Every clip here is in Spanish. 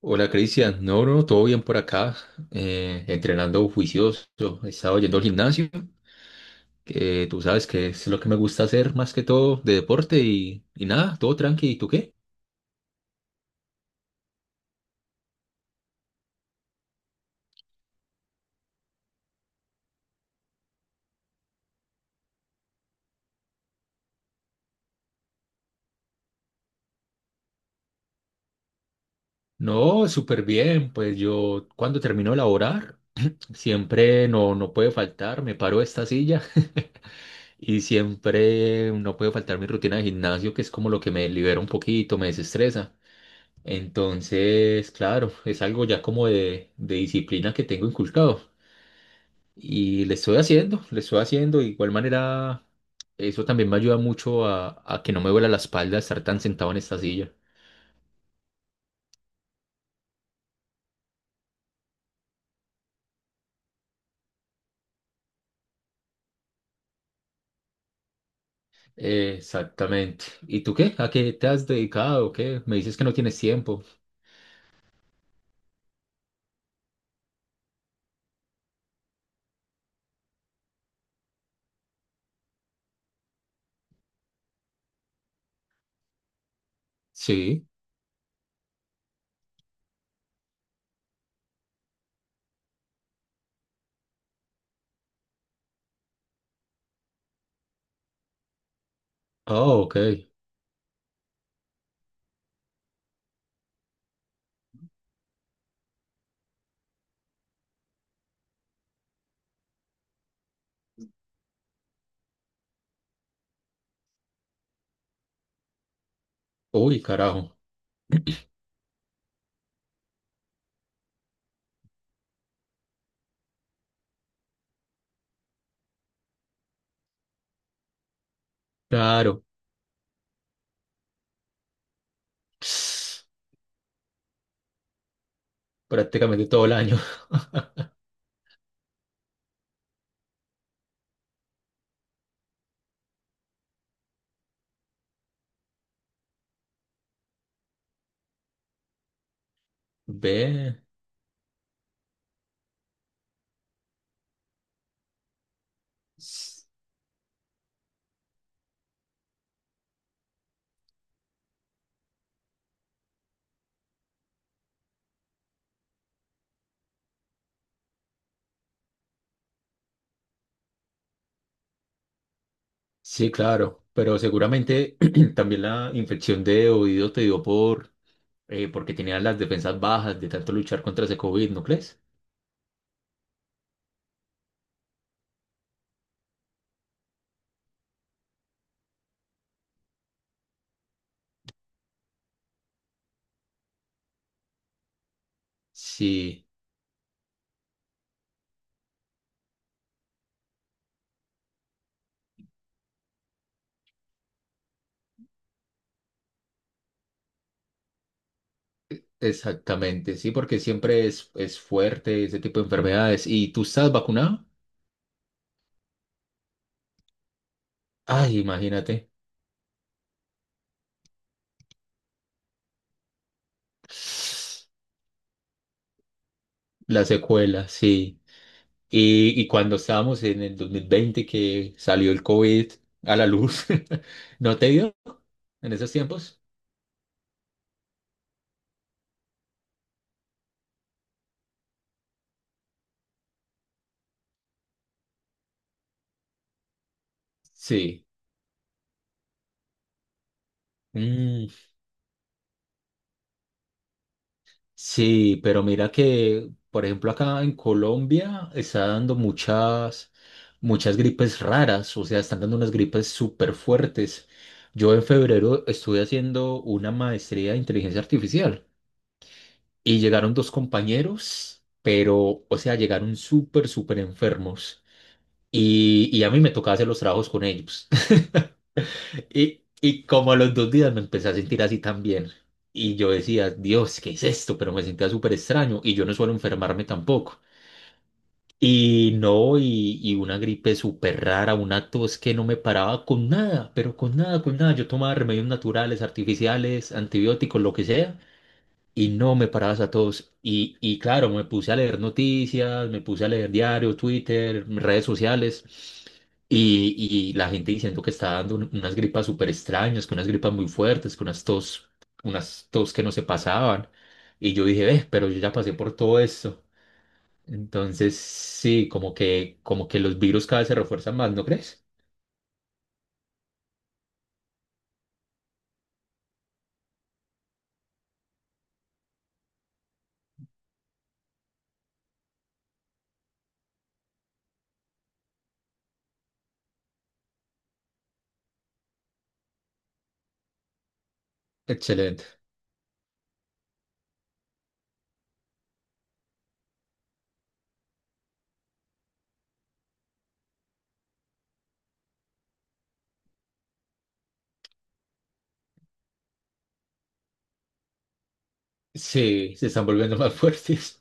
Hola Cristian, no, no, todo bien por acá, entrenando juicioso. He estado yendo al gimnasio, que tú sabes que es lo que me gusta hacer más que todo de deporte y nada, todo tranqui. ¿Y tú qué? No, súper bien, pues yo cuando termino de laborar, siempre no, no puede faltar, me paro de esta silla. Y siempre no puede faltar mi rutina de gimnasio, que es como lo que me libera un poquito, me desestresa. Entonces, claro, es algo ya como de disciplina que tengo inculcado. Y le estoy haciendo, le estoy haciendo. De igual manera, eso también me ayuda mucho a que no me duela la espalda estar tan sentado en esta silla. Exactamente. ¿Y tú qué? ¿A qué te has dedicado? ¿Qué? Me dices que no tienes tiempo. Sí. Ah, ok. Uy, carajo. Claro. Prácticamente todo el año. Ve. S- Sí, claro. Pero seguramente también la infección de oído te dio por porque tenían las defensas bajas de tanto luchar contra ese COVID, ¿no crees? Sí, exactamente, sí, porque siempre es fuerte ese tipo de enfermedades. ¿Y tú estás vacunado? Ay, imagínate. La secuela, sí. Y cuando estábamos en el 2020 que salió el COVID a la luz, ¿no te dio en esos tiempos? Sí. Mm, sí, pero mira que, por ejemplo, acá en Colombia está dando muchas, muchas gripes raras. O sea, están dando unas gripes súper fuertes. Yo en febrero estuve haciendo una maestría de inteligencia artificial y llegaron dos compañeros, pero, o sea, llegaron súper, súper enfermos, y a mí me tocaba hacer los trabajos con ellos. Y como a los 2 días me empecé a sentir así también. Y yo decía: "Dios, ¿qué es esto?". Pero me sentía súper extraño y yo no suelo enfermarme tampoco. Y no, y una gripe súper rara, una tos que no me paraba con nada, pero con nada, con nada. Yo tomaba remedios naturales, artificiales, antibióticos, lo que sea y no me parabas a todos. Y claro, me puse a leer noticias, me puse a leer diarios, Twitter, redes sociales. Y, y la gente diciendo que estaba dando unas gripas súper extrañas, que unas gripas muy fuertes, que unas tos que no se pasaban. Y yo dije: "Ve, pero yo ya pasé por todo esto". Entonces, sí, como que los virus cada vez se refuerzan más, ¿no crees? Excelente. Sí, se están volviendo más fuertes.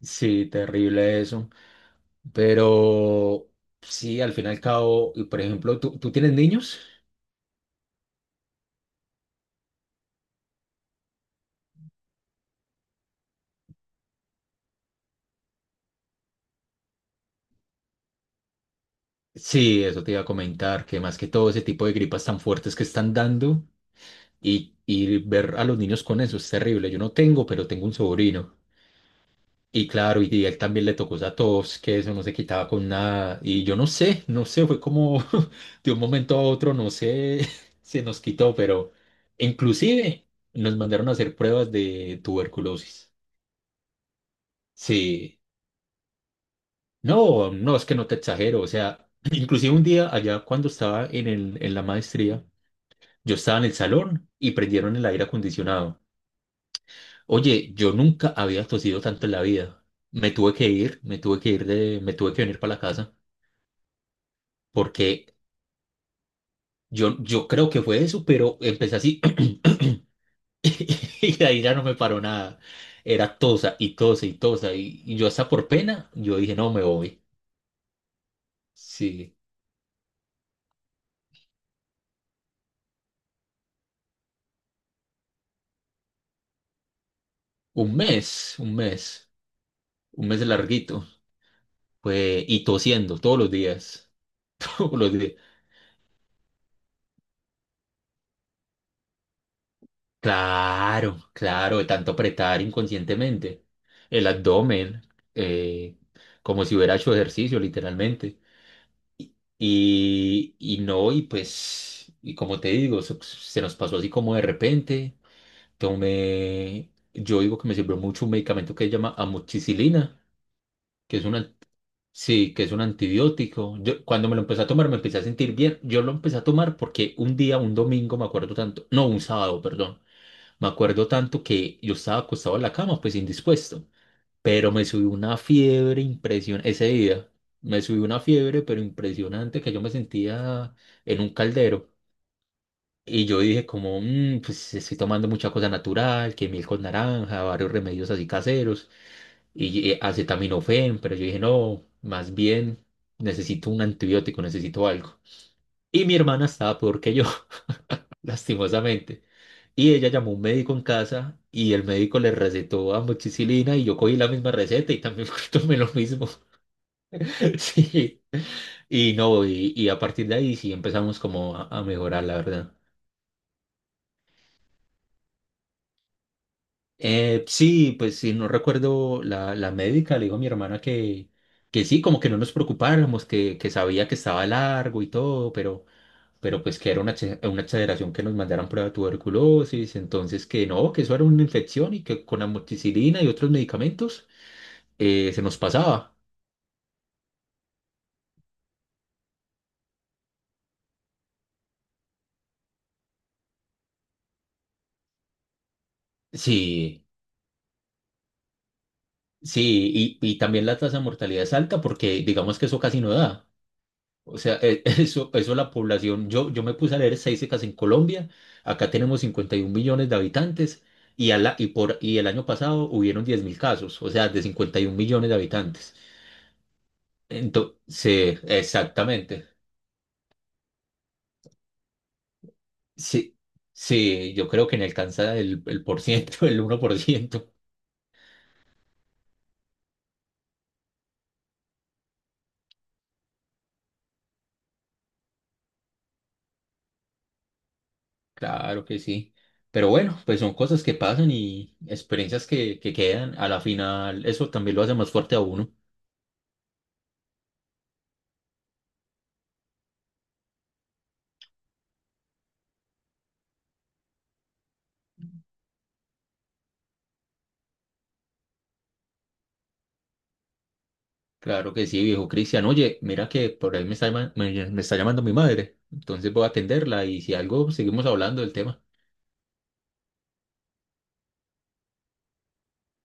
Sí, terrible eso. Pero sí, al fin y al cabo, y por ejemplo, ¿tú tienes niños? Sí, eso te iba a comentar, que más que todo ese tipo de gripas tan fuertes que están dando y ver a los niños con eso es terrible. Yo no tengo, pero tengo un sobrino. Y claro, y a él también le tocó esa tos, que eso no se quitaba con nada. Y yo no sé, no sé, fue como de un momento a otro, no sé, se nos quitó, pero inclusive nos mandaron a hacer pruebas de tuberculosis. Sí. No, no, es que no te exagero. O sea, inclusive un día allá cuando estaba en la maestría, yo estaba en el salón y prendieron el aire acondicionado. Oye, yo nunca había tosido tanto en la vida. Me tuve que venir para la casa porque yo creo que fue eso, pero empecé así y de ahí ya no me paró nada. Era tosa y tosa y tosa y yo hasta por pena, yo dije: "No, me voy". Sí, un mes, un mes, un mes larguito. Pues, y tosiendo todos los días. Todos los días. Claro, claro, de tanto apretar inconscientemente el abdomen, eh, como si hubiera hecho ejercicio, literalmente. Y no, y pues, y como te digo, se nos pasó así como de repente. Tomé, yo digo que me sirvió mucho un medicamento que se llama amoxicilina, que es un, al- Sí, que es un antibiótico. Yo, cuando me lo empecé a tomar me empecé a sentir bien. Yo lo empecé a tomar porque un día, un domingo, me acuerdo tanto, no, un sábado, perdón, me acuerdo tanto que yo estaba acostado en la cama, pues indispuesto, pero me subió una fiebre impresionante ese día. Me subió una fiebre, pero impresionante, que yo me sentía en un caldero. Y yo dije como: "Mm, pues estoy tomando mucha cosa natural, que miel con naranja, varios remedios así caseros y acetaminofén, pero", yo dije, "no, más bien necesito un antibiótico, necesito algo". Y mi hermana estaba peor que yo, lastimosamente. Y ella llamó a un médico en casa y el médico le recetó amoxicilina y yo cogí la misma receta y también tomé lo mismo. Sí. Y no, y a partir de ahí sí empezamos como a mejorar, la verdad. Sí, pues si no recuerdo, la médica le dijo a mi hermana que sí, como que no nos preocupáramos, que sabía que estaba largo y todo, pero, pues que era una exageración que nos mandaran prueba de tuberculosis, entonces que no, que eso era una infección y que con amoxicilina y otros medicamentos se nos pasaba. Sí, sí, y también la tasa de mortalidad es alta porque digamos que eso casi no da. O sea, eso la población. Yo me puse a leer estadísticas en Colombia. Acá tenemos 51 millones de habitantes y, a la- y, por, y el año pasado hubieron 10.000 casos, o sea, de 51 millones de habitantes. Entonces, exactamente. Sí, sí, yo creo que no alcanza el por ciento, el 1%. Claro que sí. Pero bueno, pues son cosas que pasan y experiencias que quedan. A la final, eso también lo hace más fuerte a uno. Claro que sí, viejo Cristian. Oye, mira que por ahí me está, me está llamando mi madre. Entonces voy a atenderla y si algo, seguimos hablando del tema.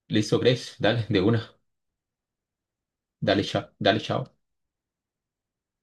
Listo, Grace. Dale, de una. Dale, chao. Dale, chao.